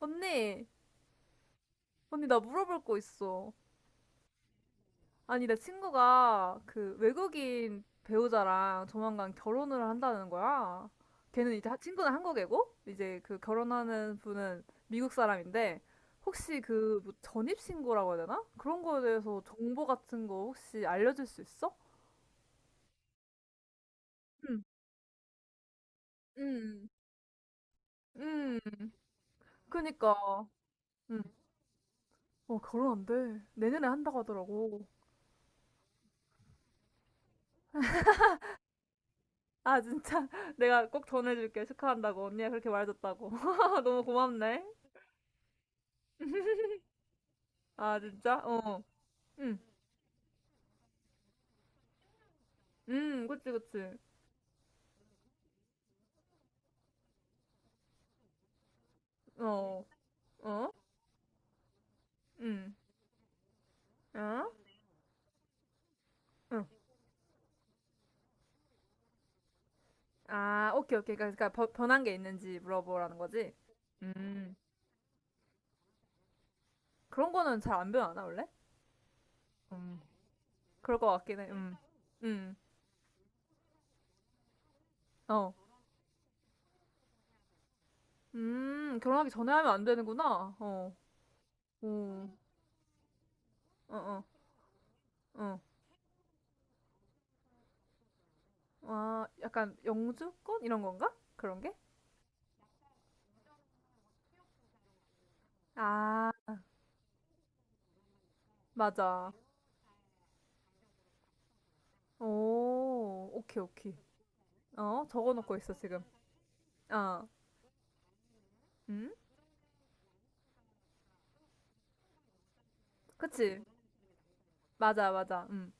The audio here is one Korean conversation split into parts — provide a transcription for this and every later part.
언니, 언니, 나 물어볼 거 있어. 아니, 내 친구가 그 외국인 배우자랑 조만간 결혼을 한다는 거야. 걔는 이제 친구는 한국애고, 이제 그 결혼하는 분은 미국 사람인데, 혹시 그뭐 전입신고라고 해야 되나? 그런 거에 대해서 정보 같은 거 혹시 알려줄 수 있어? 응, 응, 응, 그니까. 응. 어, 결혼 안 돼. 내년에 한다고 하더라고. 아, 진짜. 내가 꼭 전해줄게. 축하한다고. 언니가 그렇게 말해줬다고. 너무 고맙네. 아, 진짜? 어. 응. 응, 그치, 그치. 어. 어? 응. 어? 응. 아, 오케이, 오케이. 그러니까, 그러니까 변한 게 있는지 물어보라는 거지? 음. 그런 거는 잘 안 변하나, 원래? 음. 그럴 것 같긴 해. 음. 음. 어. 결혼하기 전에 하면 안 되는구나. 어. 오. 어, 어, 어. 아, 약간 영주권? 이런 건가? 그런 게? 아, 맞아. 오, 오케이, 오케이. 어, 적어놓고 있어, 지금. 어, 음? 그치? 맞아, 맞아.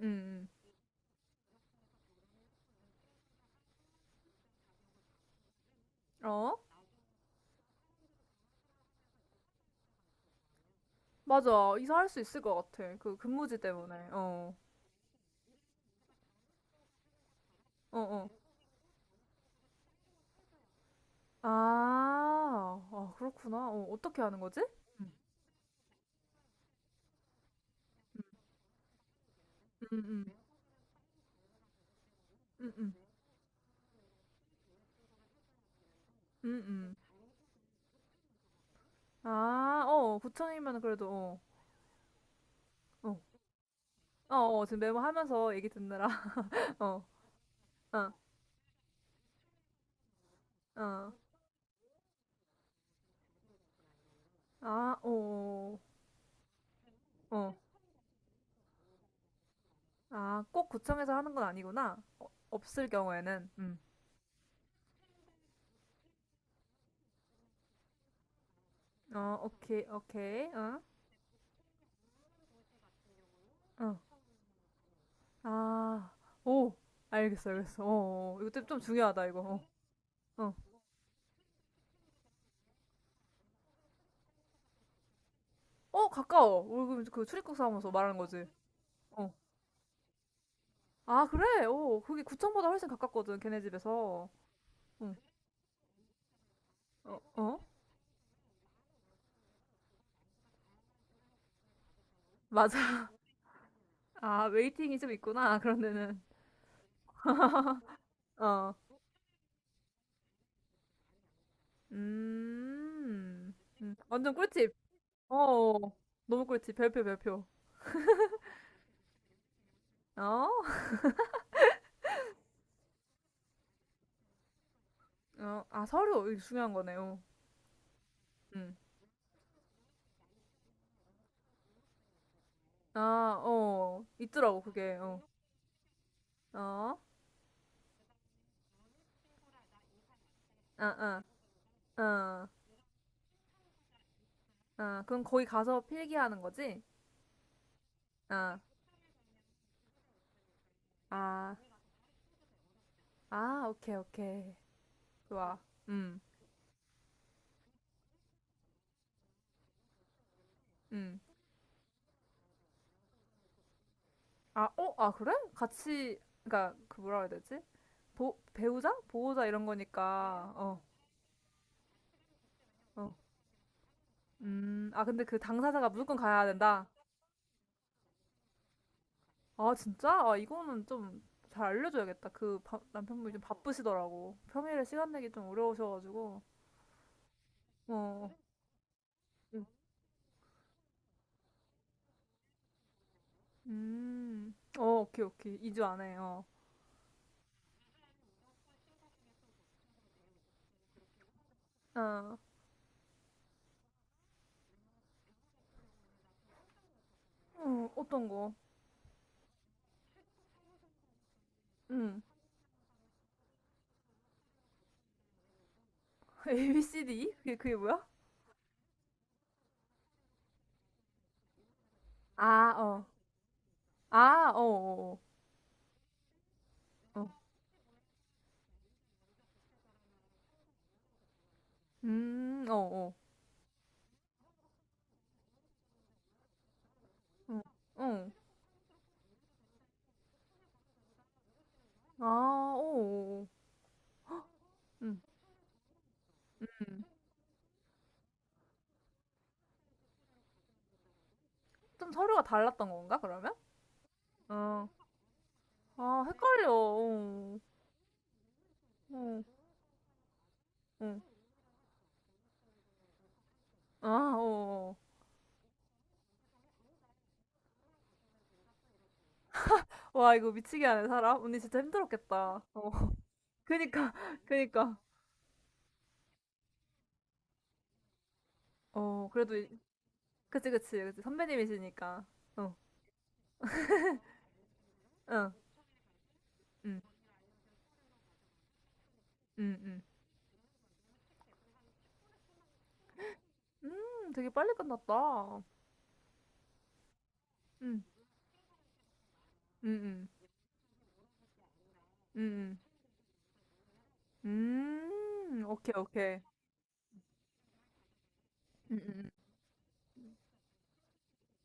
음, 어? 맞아. 이사할 수 있을 것 같아. 그 근무지 때문에. 어, 어, 어. 아, 아, 그렇구나. 어, 어떻게 하는 거지? 음, 음, 음, 음, 음, 음. 아, 어, 구청이면 그래도, 어, 어, 어, 어, 지금 메모하면서 얘기 듣느라, 어, 어, 어. 아, 어, 어. 아, 꼭 구청에서 하는 건 아니구나. 어, 없을 경우에는. 음. 어, 오케이, 오케이. 응? 응. 아, 오. 알겠어, 알겠어. 어, 어. 어. 이거 좀, 좀 중요하다, 이거. 어. 어, 어, 가까워. 우리 그, 그 출입국 사무소 말하는 거지. 어. 아, 그래? 오, 그게 구청보다 훨씬 가깝거든, 걔네 집에서. 응. 어, 어? 맞아. 아, 웨이팅이 좀 있구나, 그런 데는. 어. 음. 음. 완전 꿀팁. 어, 어. 너무 꿀팁. 별표, 별표. 어? 어, 아, 서류 이게 중요한 거네요. 음. 아, 어, 있더라고 그게. 어, 어, 아, 아, 아, 아, 그럼 거기 가서 필기하는 거지? 아, 아, 아, 오케이, 오케이, 좋아. 음, 음. 아, 어, 아, 그래? 같이, 그니까 그 뭐라 해야 되지? 보, 배우자? 보호자 이런 거니까. 어, 어, 아, 근데 그 당사자가 무조건 가야 된다. 아, 진짜? 아, 이거는 좀 잘 알려줘야겠다. 그 남편분이 좀 바쁘시더라고. 평일에 시간 내기 좀 어려우셔가지고. 어, 어, 오케이, 오케이. 2주 안에, 어. 어, 어, 어떤 거? 응. A, B, C, D? 그게, 그게 뭐야? 아, 어. 아, 어, 어, 어. 어. 어, 어. 응, 응. 아, 어, 어, 어. 응. 좀 서류가 달랐던 건가, 그러면? 어. 아, 헷갈려. 어, 어, 어. 아, 어, 어. 와, 이거 미치게 하네, 사람. 언니 진짜 힘들었겠다. 어. 그니까, 그니까. 어, 그래도, 이- 그치, 그치, 그치. 선배님이시니까. 어, 응, 응, 응, 응. 되게 빨리 끝났다. 응, 응, 응, 응, 응. 오케이, 오케이. 응, 응, 응.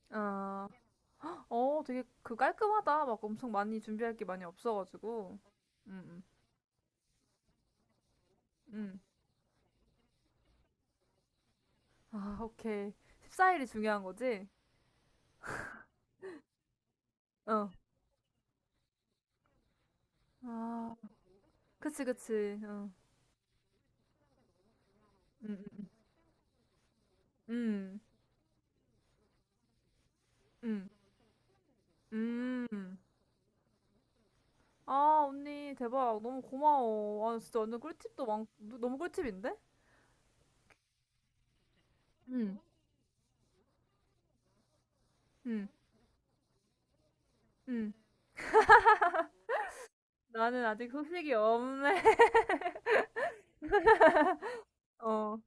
아, 어, 되게 그 깔끔하다. 막 엄청 많이 준비할 게 많이 없어가지고. 응, 응, 응. 아, 오케이. 14일이 중요한 거지? 어. 아, 그치, 그치. 어. 응, 응, 응. 응. 음, 음. 아, 언니, 대박. 너무 고마워. 아, 진짜 완전 꿀팁도 많, 너무 꿀팁인데? 음, 음, 음. 나는 아직 소식이 없네. 어.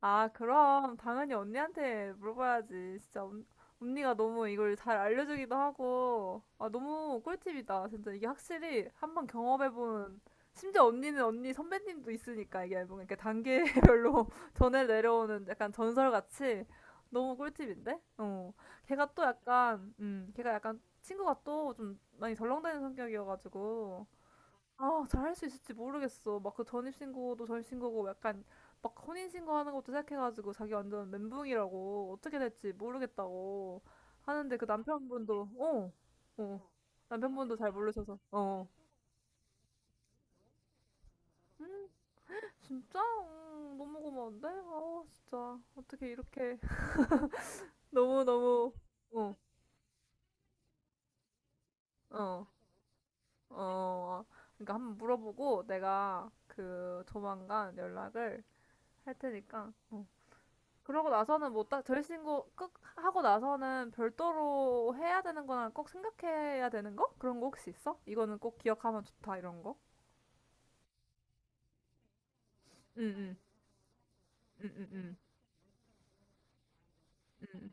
아, 그럼 당연히 언니한테 물어봐야지. 진짜 언, 언니가 너무 이걸 잘 알려주기도 하고, 아, 너무 꿀팁이다. 진짜 이게 확실히 한번 경험해본, 심지어 언니는 언니 선배님도 있으니까 이게 뭔가 이렇게 단계별로 전에 내려오는 약간 전설같이 너무 꿀팁인데? 어. 걔가 또 약간, 걔가 약간 친구가 또 좀 많이 덜렁대는 성격이어가지고, 아, 잘 할 수 있을지 모르겠어. 막 그 전입신고도 전입신고고 약간 막 혼인신고하는 것도 생각해가지고 자기 완전 멘붕이라고 어떻게 될지 모르겠다고 하는데 그 남편분도 어, 어, 남편분도 잘 모르셔서 어, 진짜 너무 고마운데? 아, 진짜 어떻게 이렇게 너무 너무 어, 어, 어. 그러니까 한번 물어보고 내가 그 조만간 연락을 할 테니까. 어. 그러고 나서는 뭐 딱 절신고 끝 하고 나서는 별도로 해야 되는 거나 꼭 생각해야 되는 거? 그런 거 혹시 있어? 이거는 꼭 기억하면 좋다 이런 거? 응, 응, 응, 응, 응, 응,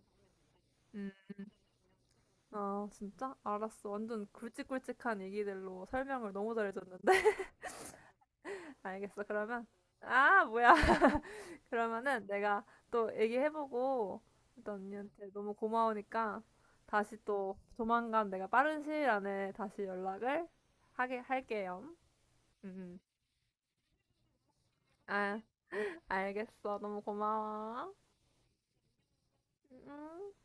응. 아 진짜? 알았어. 완전 굵직굵직한 얘기들로 설명을 너무 잘해줬는데? 알겠어. 그러면 아 뭐야? 그러면은 내가 또 얘기해보고 일단 언니한테 너무 고마우니까 다시 또 조만간 내가 빠른 시일 안에 다시 연락을 하게 할게요. 응, 응. 아, 알겠어. 너무 고마워. 음.